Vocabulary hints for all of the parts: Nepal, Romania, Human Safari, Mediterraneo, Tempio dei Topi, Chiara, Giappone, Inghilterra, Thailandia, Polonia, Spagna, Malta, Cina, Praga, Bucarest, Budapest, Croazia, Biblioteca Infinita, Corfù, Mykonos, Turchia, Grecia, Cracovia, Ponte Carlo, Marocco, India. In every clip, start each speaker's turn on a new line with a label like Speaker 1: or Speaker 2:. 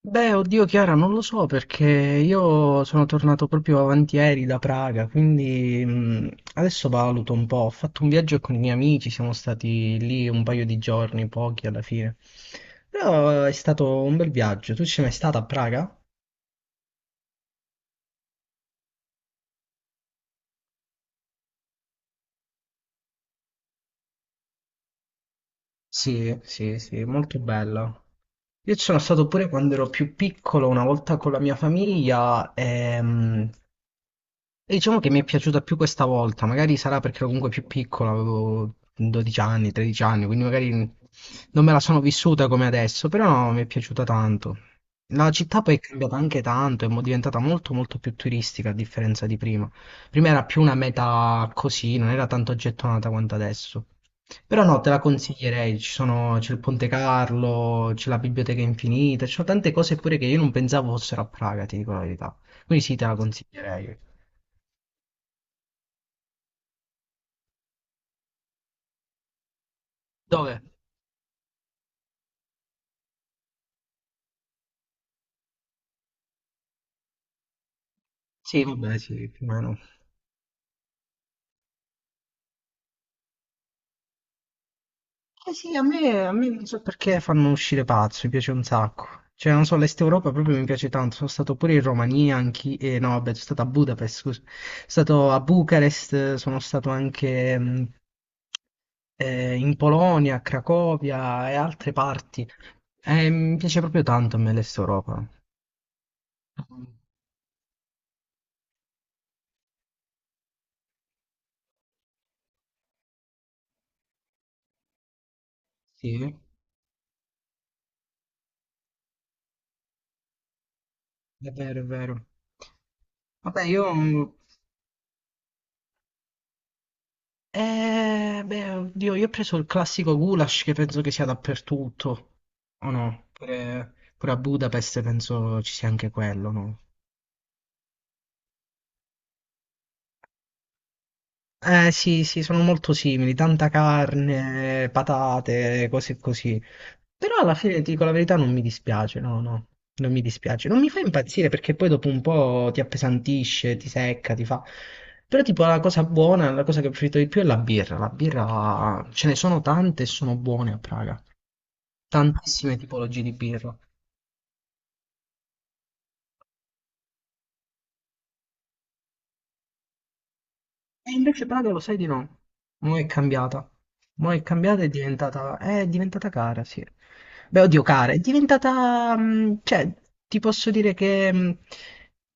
Speaker 1: Beh, oddio Chiara, non lo so perché io sono tornato proprio avanti ieri da Praga, quindi adesso valuto un po'. Ho fatto un viaggio con i miei amici, siamo stati lì un paio di giorni, pochi alla fine. Però è stato un bel viaggio. Tu ci sei mai stata a Praga? Sì, sì, sì, molto bella. Io ci sono stato pure quando ero più piccolo, una volta con la mia famiglia, e diciamo che mi è piaciuta più questa volta, magari sarà perché ero comunque più piccola, avevo 12 anni, 13 anni, quindi magari non me la sono vissuta come adesso, però no, mi è piaciuta tanto. La città poi è cambiata anche tanto, è diventata molto molto più turistica a differenza di prima. Prima era più una meta così, non era tanto gettonata quanto adesso. Però no, te la consiglierei, c'è il Ponte Carlo, c'è la Biblioteca Infinita, ci sono tante cose pure che io non pensavo fossero a Praga, ti dico la verità. Quindi sì, te la consiglierei. Dove? Sì. Vabbè, sì, più o meno. Eh sì, a me non so perché fanno uscire pazzo, mi piace un sacco. Cioè, non so, l'Est Europa proprio mi piace tanto. Sono stato pure in Romania, anche... no, vabbè, sono stato a Budapest, scusa. Sono stato a Bucarest, sono stato anche in Polonia, a Cracovia e altre parti. Mi piace proprio tanto a me l'Est Europa. Mm, sì, è vero, è vero. Vabbè, io, eh, beh, oddio, io ho preso il classico goulash che penso che sia dappertutto, o no? Pure, pure a Budapest penso ci sia anche quello, no? Eh sì, sì, sono molto simili, tanta carne, patate, cose così. Però alla fine, ti dico la verità, non mi dispiace, no, no, non mi dispiace. Non mi fa impazzire perché poi dopo un po' ti appesantisce, ti secca, ti fa... Però tipo la cosa buona, la cosa che ho preferito di più è la birra. La birra, ce ne sono tante e sono buone a Praga. Tantissime tipologie di birra. E invece Praga lo sai di no. Mo' è cambiata. Mo' è cambiata e è diventata cara, sì. Beh, oddio, cara, è diventata, cioè, ti posso dire che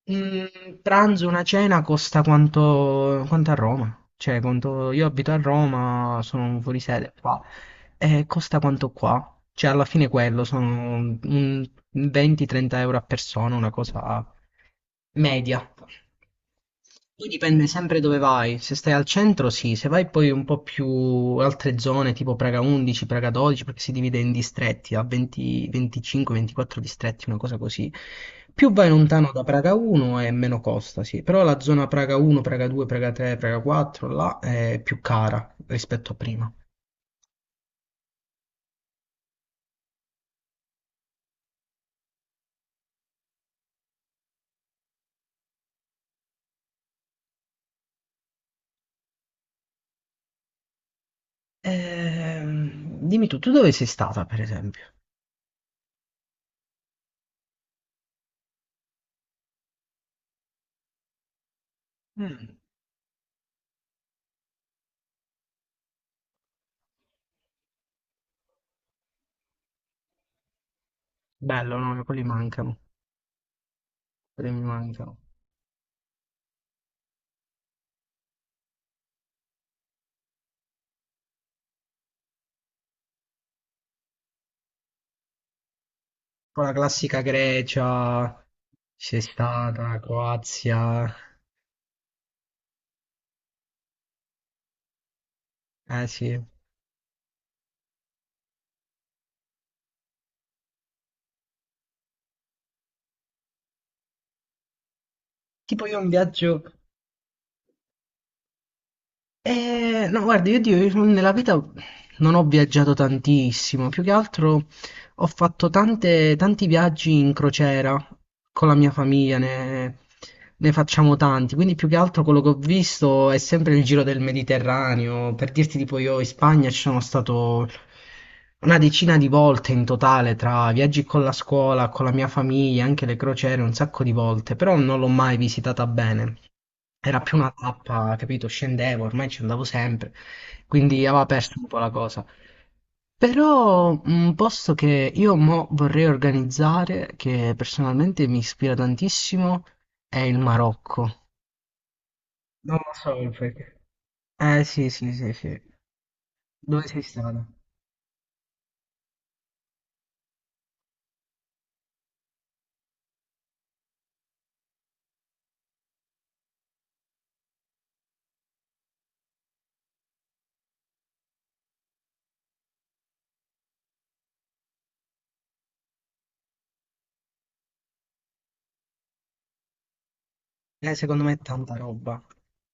Speaker 1: un pranzo, una cena costa quanto, quanto a Roma. Cioè, quanto io abito a Roma, sono fuori sede. Qua e costa quanto qua? Cioè, alla fine quello sono un 20-30 euro a persona, una cosa media. Poi dipende sempre dove vai. Se stai al centro, sì, se vai poi un po' più altre zone, tipo Praga 11, Praga 12, perché si divide in distretti, a 20, 25, 24 distretti, una cosa così. Più vai lontano da Praga 1 e meno costa, sì. Però la zona Praga 1, Praga 2, Praga 3, Praga 4, là è più cara rispetto a prima. Dimmi tu dove sei stata, per esempio? Mm, bello, no? Quelli mancano, quelli mi mancano. Poi la classica Grecia, c'è stata, Croazia, eh sì. Tipo io un viaggio, eh, no, guarda, io, Dio, io nella vita non ho viaggiato tantissimo, più che altro ho fatto tanti viaggi in crociera con la mia famiglia, ne facciamo tanti, quindi più che altro quello che ho visto è sempre il giro del Mediterraneo, per dirti tipo io in Spagna ci sono stato una decina di volte in totale tra viaggi con la scuola, con la mia famiglia, anche le crociere, un sacco di volte, però non l'ho mai visitata bene. Era più una tappa, capito? Scendevo, ormai ci andavo sempre, quindi aveva perso un po' la cosa. Però un posto che io mo vorrei organizzare, che personalmente mi ispira tantissimo, è il Marocco. Non lo so il perché. Eh sì, sì, sì, sì. Dove sei stato? Secondo me è tanta roba.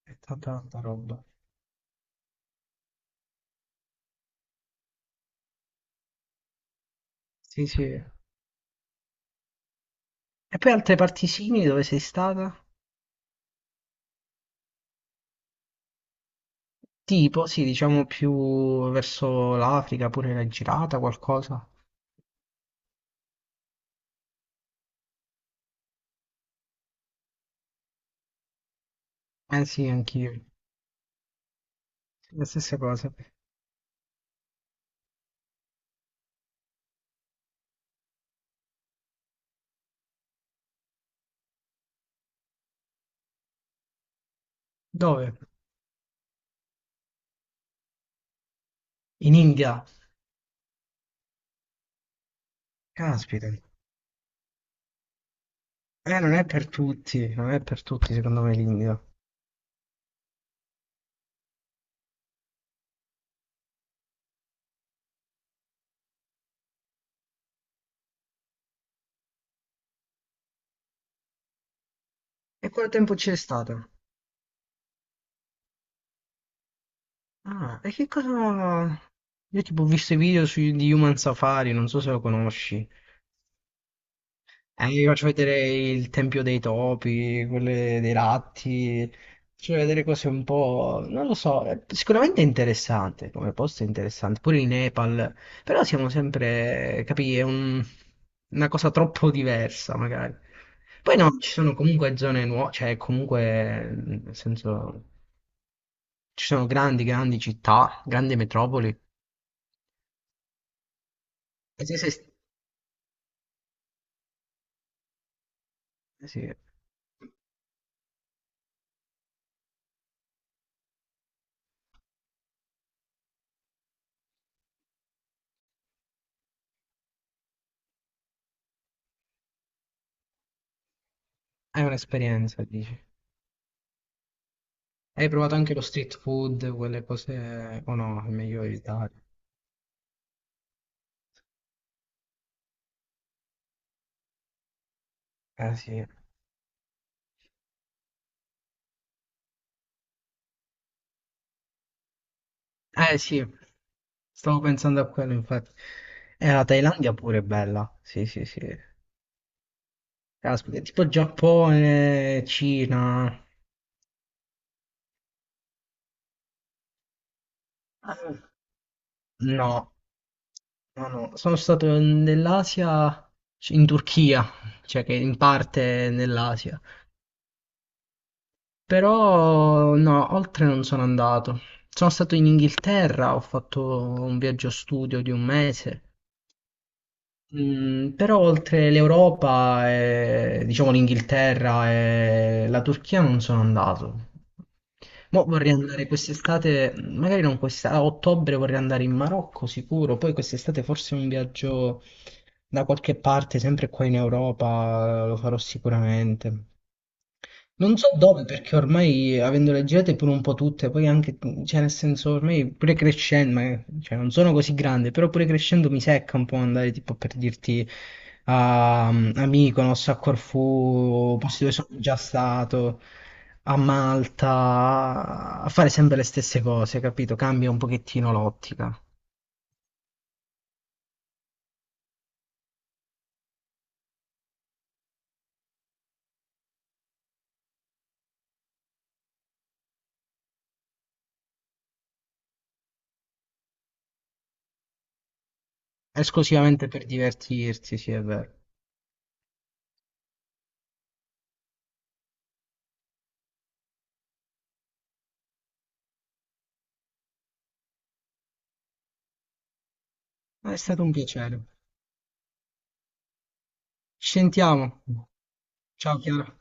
Speaker 1: È tanta, tanta roba. Sì, sì. E poi altre parti simili dove sei stata? Tipo, sì, diciamo più verso l'Africa, pure l'hai girata qualcosa? Eh sì, anch'io, la stessa cosa. Dove? In India. Caspita. Non è per tutti, non è per tutti secondo me l'India. E quanto tempo c'è stato? Ah, e che cosa... Io tipo ho visto i video di Human Safari, non so se lo conosci. Vi faccio vedere il Tempio dei Topi, quelle dei Ratti, faccio vedere cose un po'... non lo so, sicuramente è interessante, come posto è interessante, pure in Nepal, però siamo sempre, capì, una cosa troppo diversa magari. Poi no, ci sono comunque zone nuove, cioè comunque, nel senso, ci sono grandi, grandi città, grandi metropoli. E se- se- eh sì, sì, sì, sì, è un'esperienza, dici. Hai provato anche lo street food, quelle cose, o no, è meglio evitare. Eh sì, eh sì, stavo pensando a quello infatti. E la Thailandia pure è bella, sì sì sì. Caspita, è tipo Giappone, Cina. Eh, No, no, no, sono stato nell'Asia, in Turchia, cioè che in parte è nell'Asia. Però no, oltre non sono andato. Sono stato in Inghilterra, ho fatto un viaggio studio di un mese. Però oltre l'Europa, diciamo l'Inghilterra e la Turchia non sono andato. Mo vorrei andare quest'estate, magari non quest'estate, a ottobre vorrei andare in Marocco sicuro, poi quest'estate forse un viaggio da qualche parte, sempre qua in Europa, lo farò sicuramente. Non so dove, perché ormai avendole girate pure un po' tutte, poi anche, cioè nel senso, ormai pure crescendo, cioè non sono così grande, però pure crescendo mi secca un po' andare tipo per dirti a Mykonos, a Corfù, posti dove sono già stato, a Malta, a fare sempre le stesse cose, capito? Cambia un pochettino l'ottica. Esclusivamente per divertirsi, sì, è vero. È stato un piacere. Ci sentiamo. Ciao Chiara.